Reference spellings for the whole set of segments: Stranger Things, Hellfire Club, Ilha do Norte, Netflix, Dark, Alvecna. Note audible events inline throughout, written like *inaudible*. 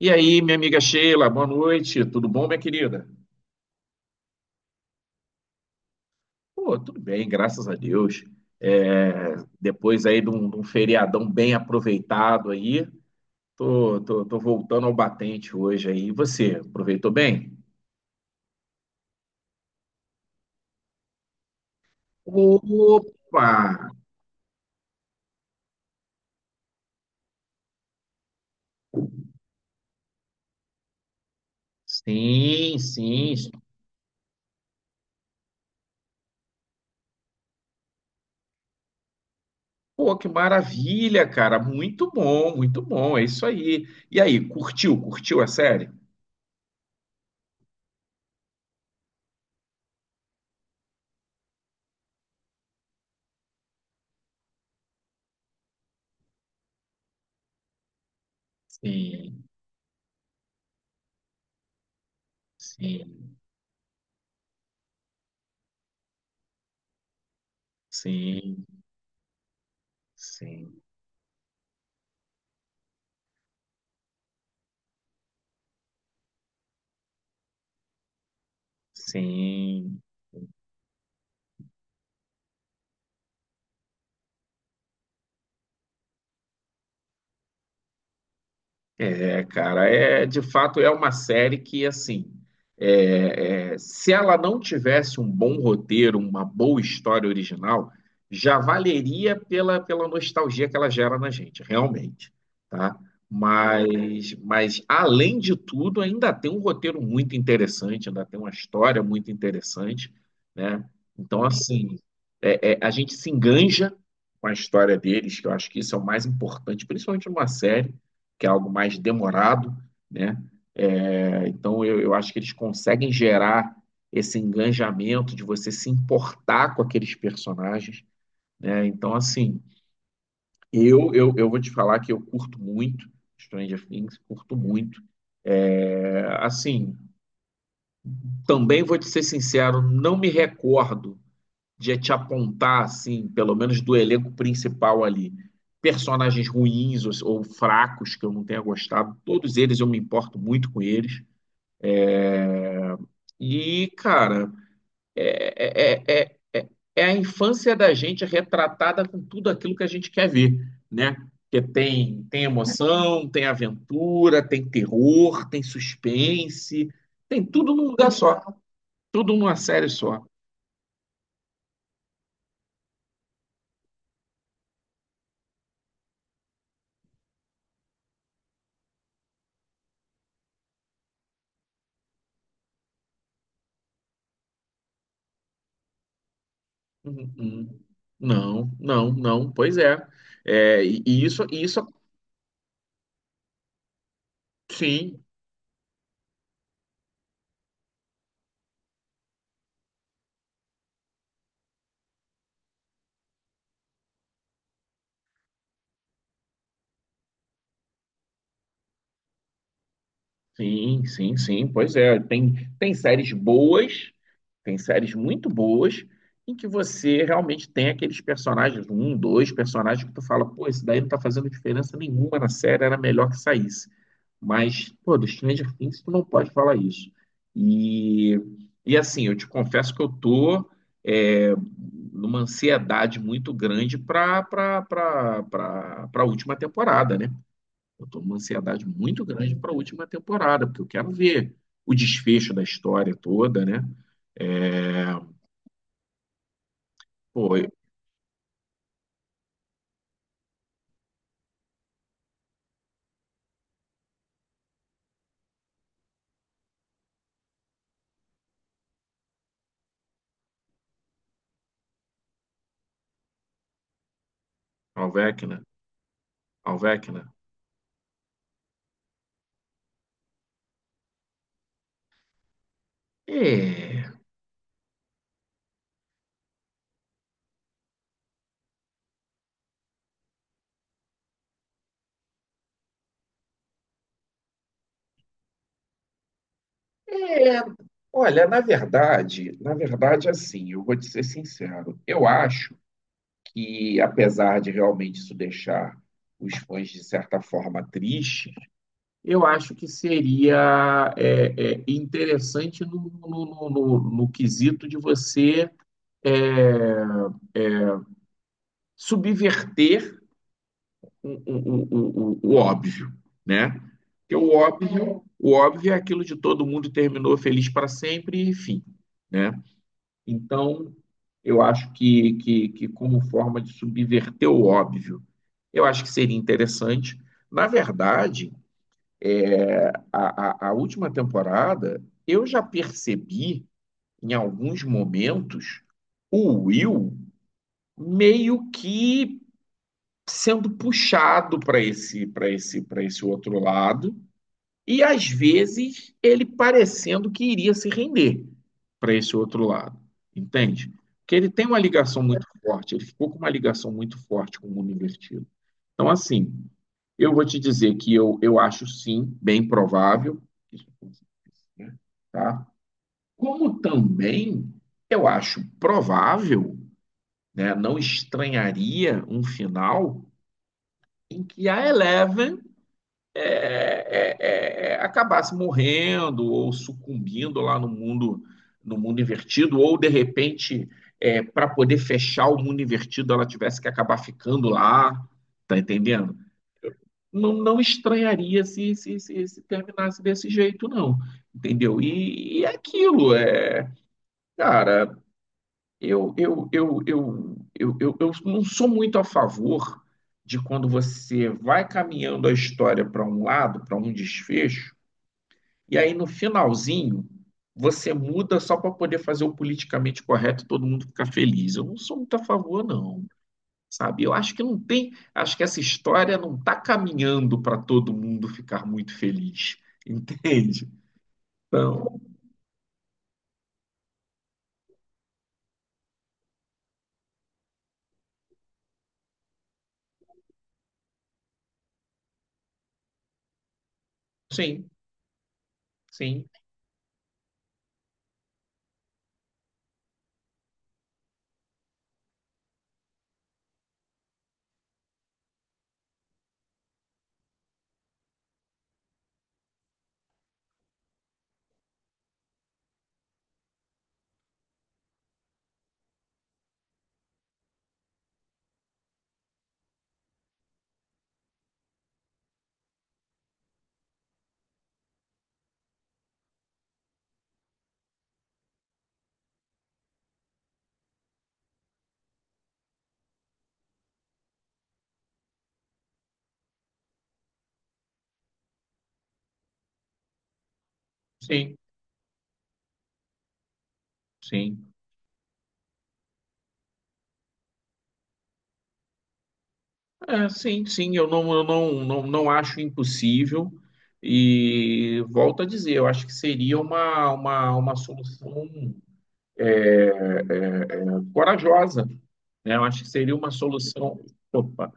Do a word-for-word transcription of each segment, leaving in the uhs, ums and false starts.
E aí, minha amiga Sheila, boa noite. Tudo bom, minha querida? Pô, tudo bem, graças a Deus. É, Depois aí de um, de um feriadão bem aproveitado aí, tô, tô, tô voltando ao batente hoje aí. E você, aproveitou bem? Opa! Sim, sim. Pô, que maravilha, cara. Muito bom, muito bom. É isso aí. E aí, curtiu? Curtiu a série? Sim, sim, sim, sim, sim. É, cara, é de fato é uma série que assim, é, é, se ela não tivesse um bom roteiro, uma boa história original, já valeria pela, pela nostalgia que ela gera na gente, realmente, tá? Mas, mas além de tudo, ainda tem um roteiro muito interessante, ainda tem uma história muito interessante, né? Então, assim, é- é, a gente se enganja com a história deles, que eu acho que isso é o mais importante, principalmente numa série que é algo mais demorado, né? É, então eu, eu acho que eles conseguem gerar esse engajamento de você se importar com aqueles personagens, né? Então, assim, eu, eu, eu vou te falar que eu curto muito Stranger Things, curto muito. É, assim, também vou te ser sincero, não me recordo de te apontar, assim, pelo menos do elenco principal ali, personagens ruins ou, ou fracos que eu não tenha gostado. Todos eles eu me importo muito com eles. E, cara, é, é, é, é, é é a infância da gente retratada com tudo aquilo que a gente quer ver, né? Porque tem, tem emoção, tem aventura, tem terror, tem suspense, tem tudo num lugar só, tudo numa série só. Hum, hum. Não, não, não, pois é. É, e, e isso, e isso, sim. Sim, sim, sim, pois é. Tem, tem séries boas, tem séries muito boas, em que você realmente tem aqueles personagens, um, dois personagens que tu fala, pô, esse daí não tá fazendo diferença nenhuma na série, era melhor que saísse. Mas, pô, do Stranger Things tu não pode falar isso. E, e assim, eu te confesso que eu tô é, numa ansiedade muito grande para para para para a última temporada, né? Eu estou numa ansiedade muito grande para a última temporada, porque eu quero ver o desfecho da história toda, né? É, pô, Alvecna, Alvecna. É, é, olha, na verdade, na verdade, assim, eu vou te ser sincero, eu acho que, apesar de realmente isso deixar os fãs, de certa forma, tristes, eu acho que seria é, é, interessante no, no, no, no, no quesito de você é, subverter o, o, o, o óbvio, né? Porque o óbvio, o óbvio é aquilo de todo mundo terminou feliz para sempre e fim, né? Então, eu acho que, que, que como forma de subverter o óbvio, eu acho que seria interessante. Na verdade, a, a, a última temporada, eu já percebi, em alguns momentos, o Will meio que sendo puxado para esse, para esse, para esse outro lado, e às vezes ele parecendo que iria se render para esse outro lado, entende? Porque ele tem uma ligação muito forte, ele ficou com uma ligação muito forte com o mundo invertido. Então, assim, eu vou te dizer que eu, eu acho sim, bem provável, que isso aconteça, tá? Como também eu acho provável, né, não estranharia um final em que a Eleven é, é, é, é, acabasse morrendo ou sucumbindo lá no mundo no mundo invertido, ou de repente, é, para poder fechar o mundo invertido, ela tivesse que acabar ficando lá, tá entendendo? Não, não estranharia se, se, se, se terminasse desse jeito, não. Entendeu? E, e é aquilo é. Cara, eu, eu, eu, eu, eu, eu, eu não sou muito a favor de quando você vai caminhando a história para um lado, para um desfecho, e aí no finalzinho, você muda só para poder fazer o politicamente correto, e todo mundo ficar feliz. Eu não sou muito a favor, não. Sabe? Eu acho que não tem, acho que essa história não está caminhando para todo mundo ficar muito feliz. *laughs* Entende? Então, sim, sim, sim, sim. É, sim, sim, eu não, eu não, não, não acho impossível. E volto a dizer, eu acho que seria uma, uma, uma solução é, é, corajosa. Né? Eu acho que seria uma solução, opa,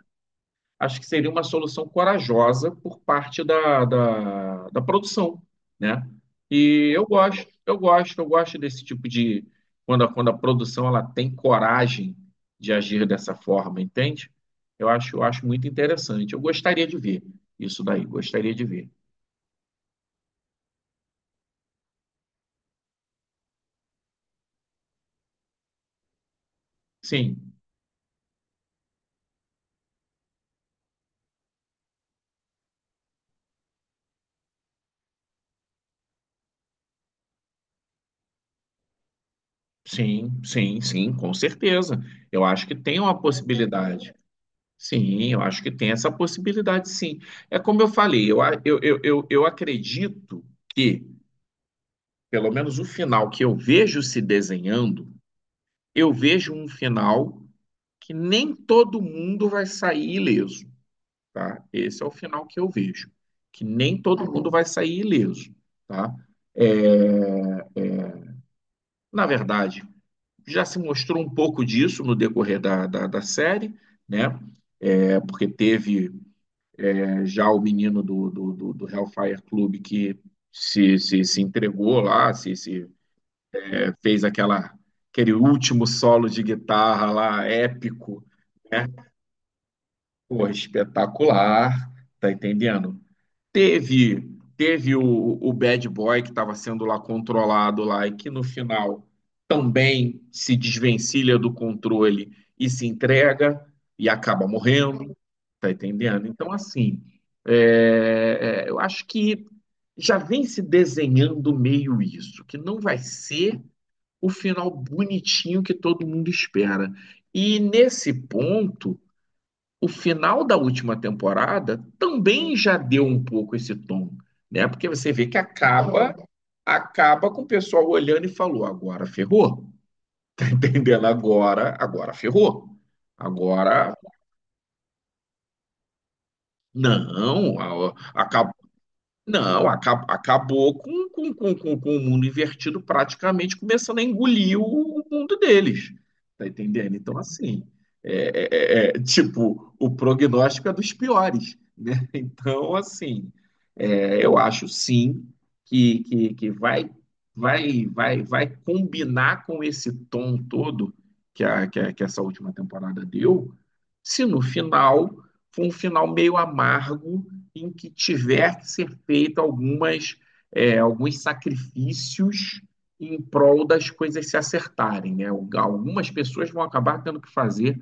acho que seria uma solução corajosa por parte da, da, da produção, né? E eu gosto, eu gosto, eu gosto desse tipo de quando a, quando a produção ela tem coragem de agir dessa forma, entende? Eu acho, eu acho muito interessante. Eu gostaria de ver isso daí, gostaria de ver. Sim, sim, sim, sim, com certeza. Eu acho que tem uma possibilidade. Sim, eu acho que tem essa possibilidade, sim. É como eu falei, eu, a- eu, eu, eu, eu acredito que, pelo menos o final que eu vejo se desenhando, eu vejo um final que nem todo mundo vai sair ileso, tá? Esse é o final que eu vejo, que nem todo mundo vai sair ileso, tá? Na verdade, já se mostrou um pouco disso no decorrer da, da, da série, né? É, porque teve já o menino do, do, do, do Hellfire Club que se, se, se entregou lá, se, se é, fez aquela, aquele último solo de guitarra lá, épico, né? Pô, espetacular, tá entendendo? Teve teve o, o Bad Boy que estava sendo lá controlado lá e que no final também se desvencilha do controle e se entrega e acaba morrendo. Tá entendendo? Então, assim, é, é, eu acho que já vem se desenhando meio isso, que não vai ser o final bonitinho que todo mundo espera. E nesse ponto, o final da última temporada também já deu um pouco esse tom, né? Porque você vê que acaba acaba com o pessoal olhando e falou: agora ferrou. *laughs* Entendendo? Agora, agora ferrou. Agora, não, a- acabou Não, aca- acabou com, com, com, com, com o mundo invertido praticamente começando a engolir o, o mundo deles. Tá entendendo? Então, assim, é, é- é- é, tipo, o prognóstico é dos piores, né? *laughs* Então, assim, é, eu acho sim que, que, que vai, vai, vai, vai combinar com esse tom todo que, a, que, a- que essa última temporada deu, se no final for um final meio amargo em que tiver que ser feito algumas, é, alguns sacrifícios em prol das coisas se acertarem, né? Algu- Algumas pessoas vão acabar tendo que fazer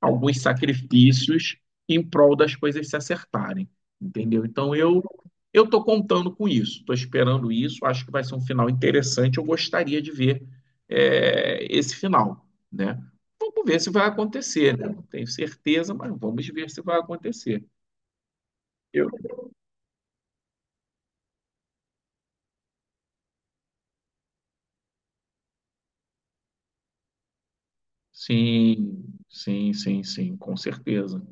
alguns sacrifícios em prol das coisas se acertarem, entendeu? Então eu eu estou contando com isso, estou esperando isso, acho que vai ser um final interessante. Eu gostaria de ver é, esse final, né? Vamos ver se vai acontecer, né? Não tenho certeza, mas vamos ver se vai acontecer. Eu- Sim, sim, sim, sim, com certeza.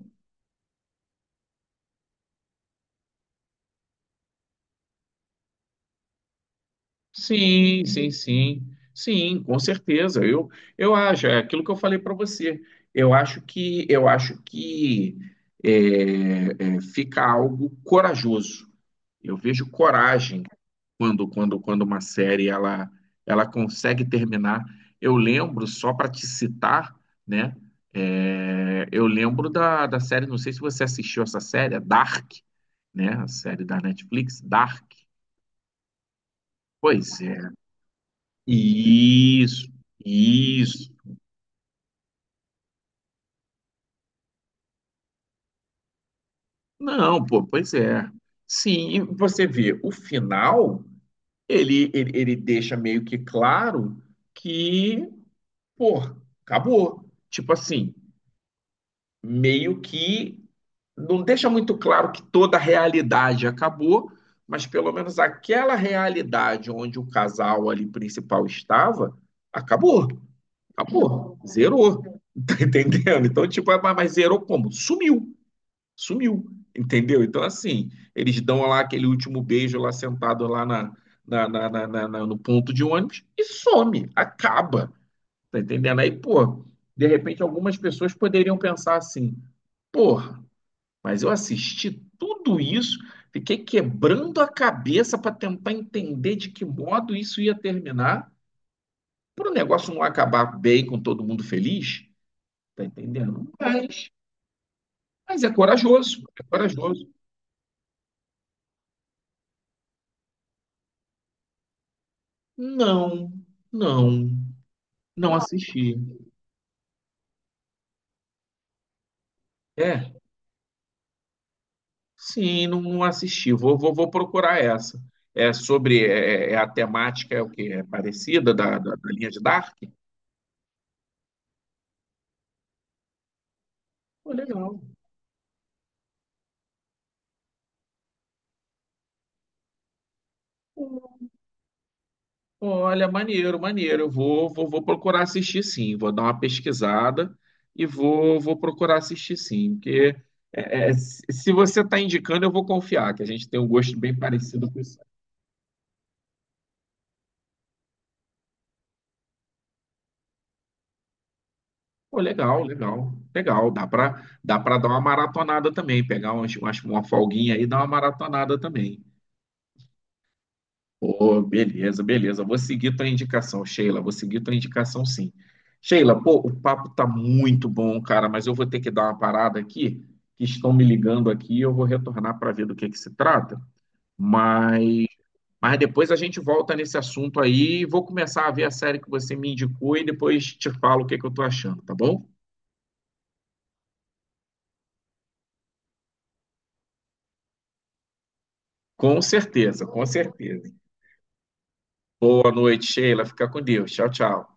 Sim, sim, sim. Sim, com certeza. Eu, eu acho, é aquilo que eu falei para você. Eu acho que eu acho que é, é, fica algo corajoso. Eu vejo coragem quando quando quando uma série ela ela consegue terminar. Eu lembro só para te citar, né? É, eu lembro da, da série, não sei se você assistiu essa série, a Dark, né? A série da Netflix, Dark. Pois é. Isso, isso. Não, pô, pois é. Sim, e você vê, o final, ele, ele, ele deixa meio que claro que, pô, acabou. Tipo assim, meio que não deixa muito claro que toda a realidade acabou, mas pelo menos aquela realidade onde o casal ali principal estava, acabou, acabou, zerou, *laughs* tá entendendo? Então, tipo, ah, mas mas zerou como? Sumiu, sumiu, entendeu? Então, assim, eles dão lá aquele último beijo lá sentado lá na, na, na, na- na- na- no ponto de ônibus e some, acaba, tá entendendo? Aí, pô, de repente algumas pessoas poderiam pensar assim, porra, mas eu assisti tudo isso, fiquei quebrando a cabeça para tentar entender de que modo isso ia terminar, para o negócio não acabar bem com todo mundo feliz, tá entendendo? Mas, mas é corajoso, é corajoso. Não, não, não assisti. É, sim, não, não assisti. Vou, vou, vou procurar essa. É sobre é, é é a temática, é o que é parecida da, da, da linha de Dark. Pô, legal. Olha, maneiro, maneiro. Eu vou, vou, vou procurar assistir sim. Vou dar uma pesquisada e vou, vou procurar assistir sim. Porque é, é, se se você está indicando, eu vou confiar, que a gente tem um gosto bem parecido com isso. Pô, legal, legal, legal. Dá para dá para dar uma maratonada também, pegar umas- umas- uma folguinha aí e dar uma maratonada também. Pô, beleza, beleza. Vou seguir tua indicação, Sheila. Vou seguir tua indicação, sim. Sheila, pô, o papo tá muito bom, cara, mas eu vou ter que dar uma parada aqui, que estão me ligando aqui, e eu vou retornar para ver do que que se trata. Mas, mas depois a gente volta nesse assunto aí, vou começar a ver a série que você me indicou e depois te falo o que que eu tô achando, tá bom? Com certeza, com certeza. Boa noite, Sheila. Fica com Deus. Tchau, tchau.